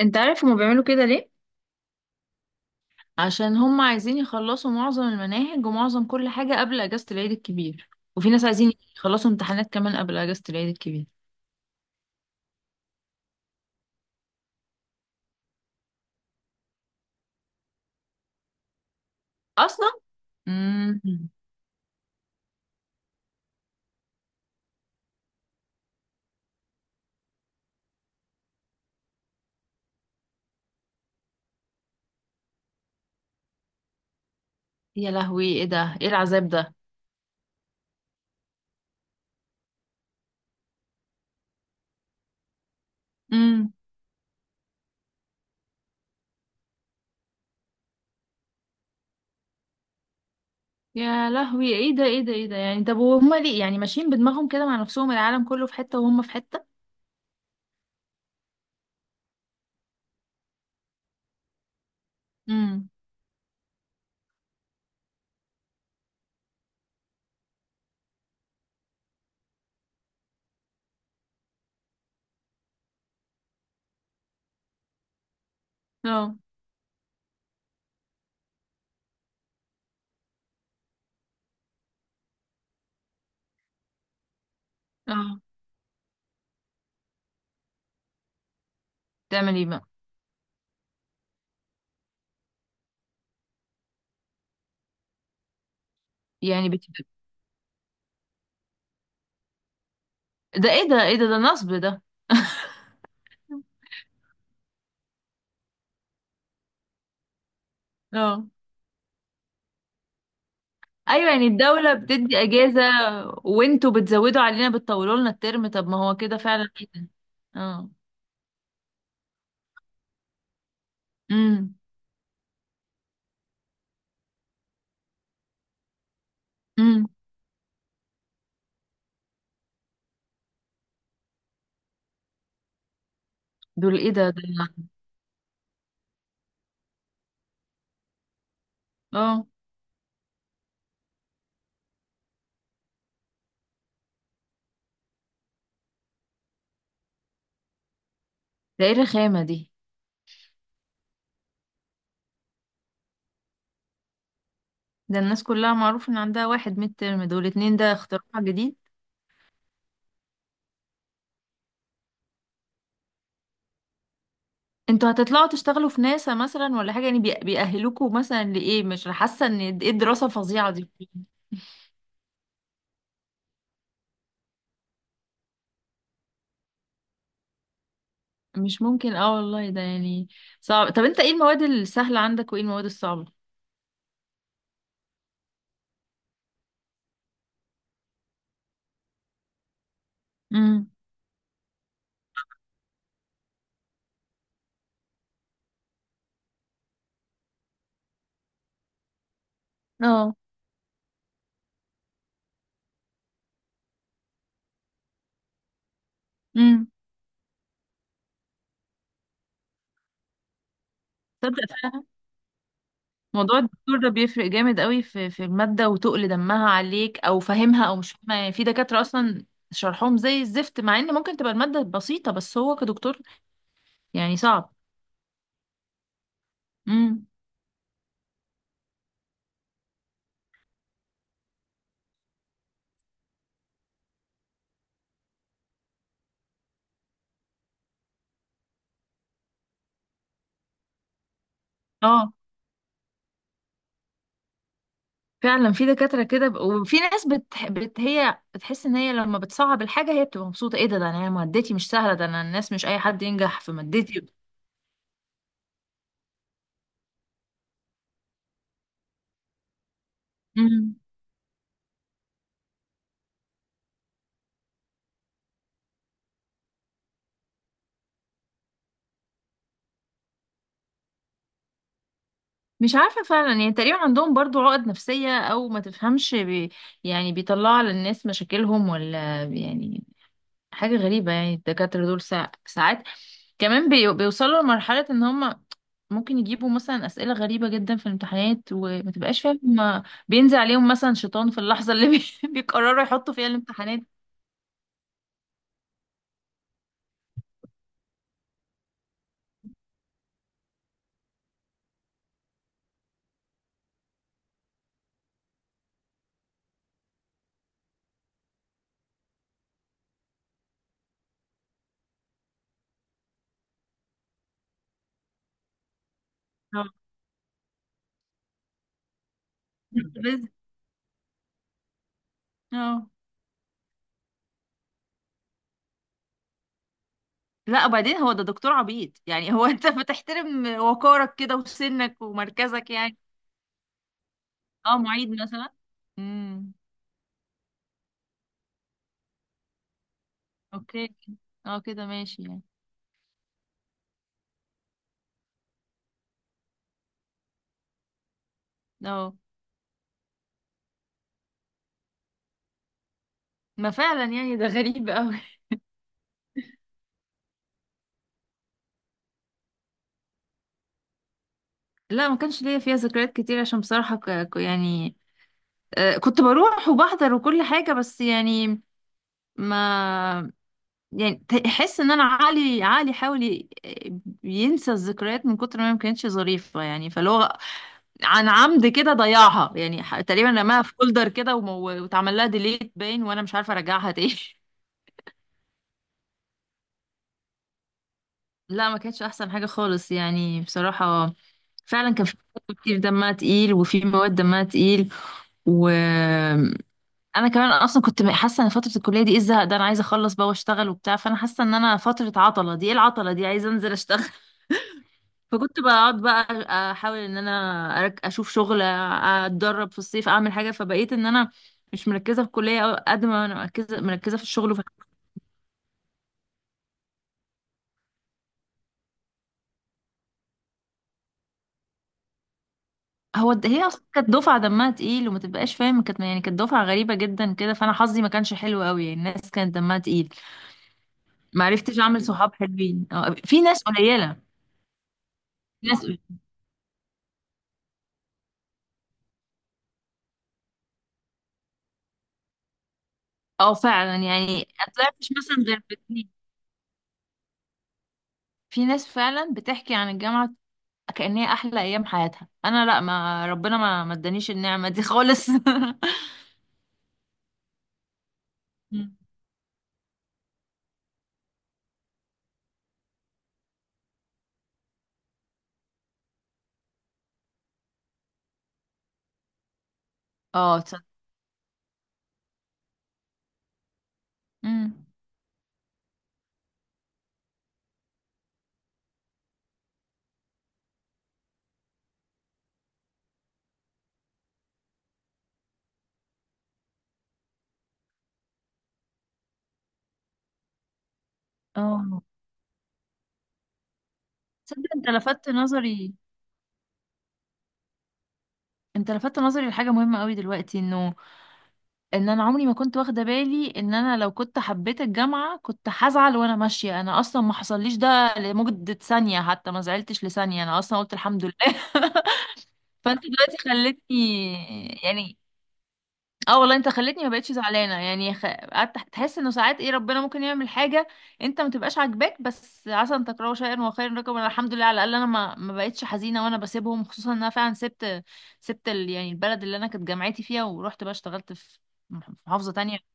انت عارف هما بيعملوا كده ليه؟ عشان هما عايزين يخلصوا معظم المناهج ومعظم كل حاجة قبل اجازة العيد الكبير، وفي ناس عايزين يخلصوا امتحانات كمان قبل اجازة العيد الكبير اصلا. امم يا لهوي، ايه ده؟ ايه العذاب ده؟ امم يا لهوي، ايه ده؟ ايه ده؟ ايه ده يعني؟ طب وهما ليه يعني ماشيين بدماغهم كده مع نفسهم؟ العالم كله في حتة وهم في حتة. امم اه. اه، تعمل ايه بقى؟ يعني بت... ده ايه ده؟ ايه ده؟ ده نصب ده. اه، ايوه، يعني الدولة بتدي اجازة وانتوا بتزودوا علينا، بتطولوا لنا الترم. طب ما هو كده فعلا، ايه ده؟ اه. امم امم دول ايه ده؟ دول اه، ده ايه الرخامة دي؟ ده الناس كلها معروف ان عندها واحد ميد ترم، دول اتنين، ده اختراع جديد. انتوا هتطلعوا تشتغلوا في ناسا مثلا ولا حاجة يعني؟ بيأهلوكوا مثلا لإيه؟ مش حاسة ان ايه الدراسة الفظيعة دي. مش ممكن، اه والله، ده يعني صعب. طب انت ايه المواد السهلة عندك، وايه المواد الصعبة؟ امم اه. امم تصدق موضوع الدكتور ده بيفرق جامد قوي في المادة، وتقل دمها عليك او فاهمها او مش فاهمها. يعني في دكاترة اصلا شرحهم زي الزفت، مع ان ممكن تبقى المادة بسيطة، بس هو كدكتور يعني صعب. امم اه فعلا، في دكاترة كده وفي ناس هي بتحس ان هي لما بتصعب الحاجة هي بتبقى مبسوطة. ايه ده؟ ده انا مادتي مش سهلة، ده انا الناس مش اي حد ينجح في مادتي. امم مش عارفة فعلا، يعني تقريبا عندهم برضو عقد نفسية او ما تفهمش يعني بيطلعوا على الناس مشاكلهم، ولا يعني حاجة غريبة. يعني الدكاترة دول ساعات كمان بيوصلوا لمرحلة ان هم ممكن يجيبوا مثلا أسئلة غريبة جدا في الامتحانات، وما تبقاش فاهم هما بينزل عليهم مثلا شيطان في اللحظة اللي بيقرروا يحطوا فيها الامتحانات. آه. بس اه. لا، وبعدين هو ده دكتور عبيط يعني؟ هو انت بتحترم وقارك كده وسنك ومركزك يعني. اه، معيد مثلا. امم. اوكي، اه كده ماشي يعني. اه، ما فعلا يعني ده غريب قوي. لا ما كانش ليا فيها ذكريات كتير، عشان بصراحة يعني آه، كنت بروح وبحضر وكل حاجة، بس يعني ما يعني تحس ان انا عقلي حاول ينسى الذكريات من كتر ما ما كانتش ظريفة يعني. فاللي هو عن عمد كده ضيعها يعني، تقريبا رماها في فولدر كده واتعمل لها ديليت باين، وانا مش عارفة ارجعها تاني. لا ما كانتش احسن حاجة خالص يعني بصراحة. فعلا كان في مواد كتير دمها تقيل، وفي مواد دمها تقيل، و انا كمان اصلا كنت حاسه ان فتره الكليه دي ايه الزهق ده؟ انا عايزه اخلص بقى واشتغل وبتاع. فانا حاسه ان انا فتره عطله دي ايه العطله دي؟ عايزه انزل اشتغل فكنت بقعد بقى احاول ان انا اشوف شغل، اتدرب في الصيف، اعمل حاجه. فبقيت ان انا مش مركزه في الكليه، أو قد ما انا مركزه، مركزه في الشغل هي اصلا كانت دفعه دمها تقيل، وما تبقاش فاهم كانت يعني كانت دفعه غريبه جدا كده. فانا حظي ما كانش حلو قوي يعني، الناس كانت دمها تقيل. ما عرفتش اعمل صحاب حلوين. آه، في ناس قليله. ناس اه، فعلا يعني مش مثلا غير باتنين. في ناس فعلا بتحكي عن الجامعة كأنها أحلى أيام حياتها، أنا لأ، ما ربنا ما ادانيش النعمة دي خالص مم. اه تصدق. مم. اه تصدق، انت لفتت نظري. انت لفتت نظري لحاجة مهمة قوي دلوقتي، انه ان انا عمري ما كنت واخدة بالي ان انا لو كنت حبيت الجامعة كنت هزعل وانا ماشية. انا اصلا ما حصلليش ده لمدة ثانية، حتى ما زعلتش لثانية، انا اصلا قلت الحمد لله فانت دلوقتي خلتني يعني اه، والله انت خلتني ما بقتش زعلانه يعني. قعدت تحس انه ساعات ايه ربنا ممكن يعمل حاجه انت ما تبقاش عاجباك، بس عسى ان تكرهوا شيئا وخيرا لكم. انا الحمد لله، على الاقل انا ما بقتش حزينه وانا بسيبهم، خصوصا ان انا فعلا سبت، يعني البلد اللي انا كانت جامعتي فيها، ورحت بقى اشتغلت في في محافظه تانية.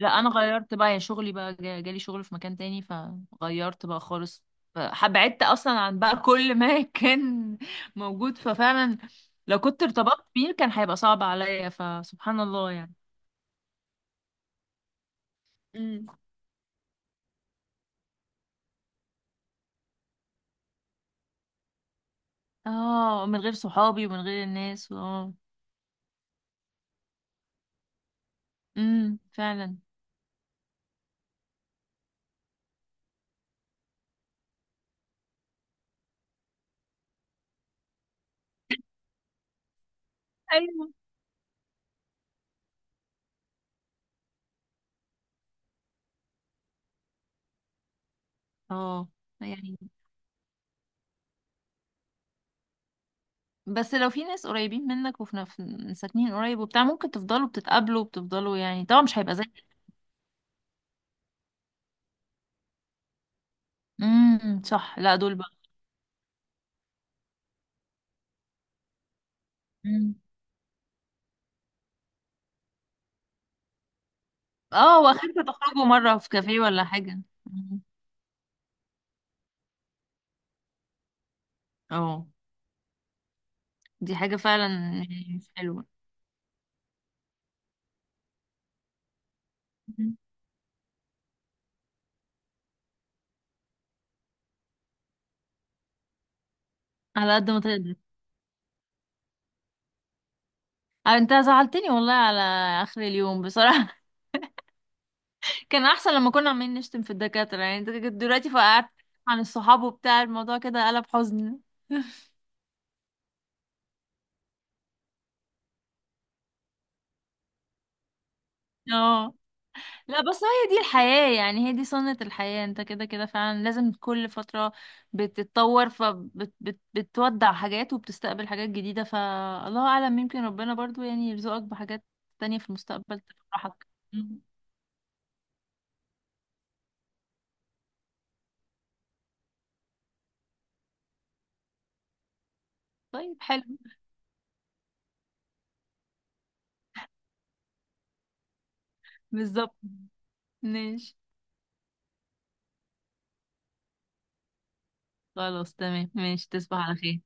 لا انا غيرت بقى، يا شغلي بقى جالي شغل في مكان تاني فغيرت بقى خالص. فبعدت اصلا عن بقى كل ما كان موجود. ففعلا لو كنت ارتبطت بيه كان هيبقى صعب عليا، فسبحان الله يعني. امم، اه، من غير صحابي ومن غير الناس، اه. فعلا. ايوه. اه يعني. بس لو في ناس قريبين منك وفي ساكنين قريب وبتاع، ممكن تفضلوا بتتقابلوا وبتفضلوا يعني، طبعا مش هيبقى زي. صح، لا دول بقى اه. واخركم تخرجوا مرة في كافيه ولا حاجة. مم، اه. دي حاجة فعلا يعني مش حلوة. مم. على قد ما تقدر. آه، انت زعلتني والله على اخر اليوم بصراحة. كان احسن لما كنا عمالين نشتم في الدكاترة يعني، انت كنت دلوقتي فقعدت عن الصحاب وبتاع، الموضوع كده قلب حزن اه لا، بس هي دي الحياة يعني، هي دي سنة الحياة. انت كده كده فعلا لازم كل فترة بتتطور، فبتودع حاجات وبتستقبل حاجات جديدة. فالله أعلم، يمكن ربنا برضو يعني يرزقك بحاجات تانية في المستقبل تفرحك. مم. طيب حلو. بالظبط. ماشي. خلاص تمام، ماشي، تصبح على خير.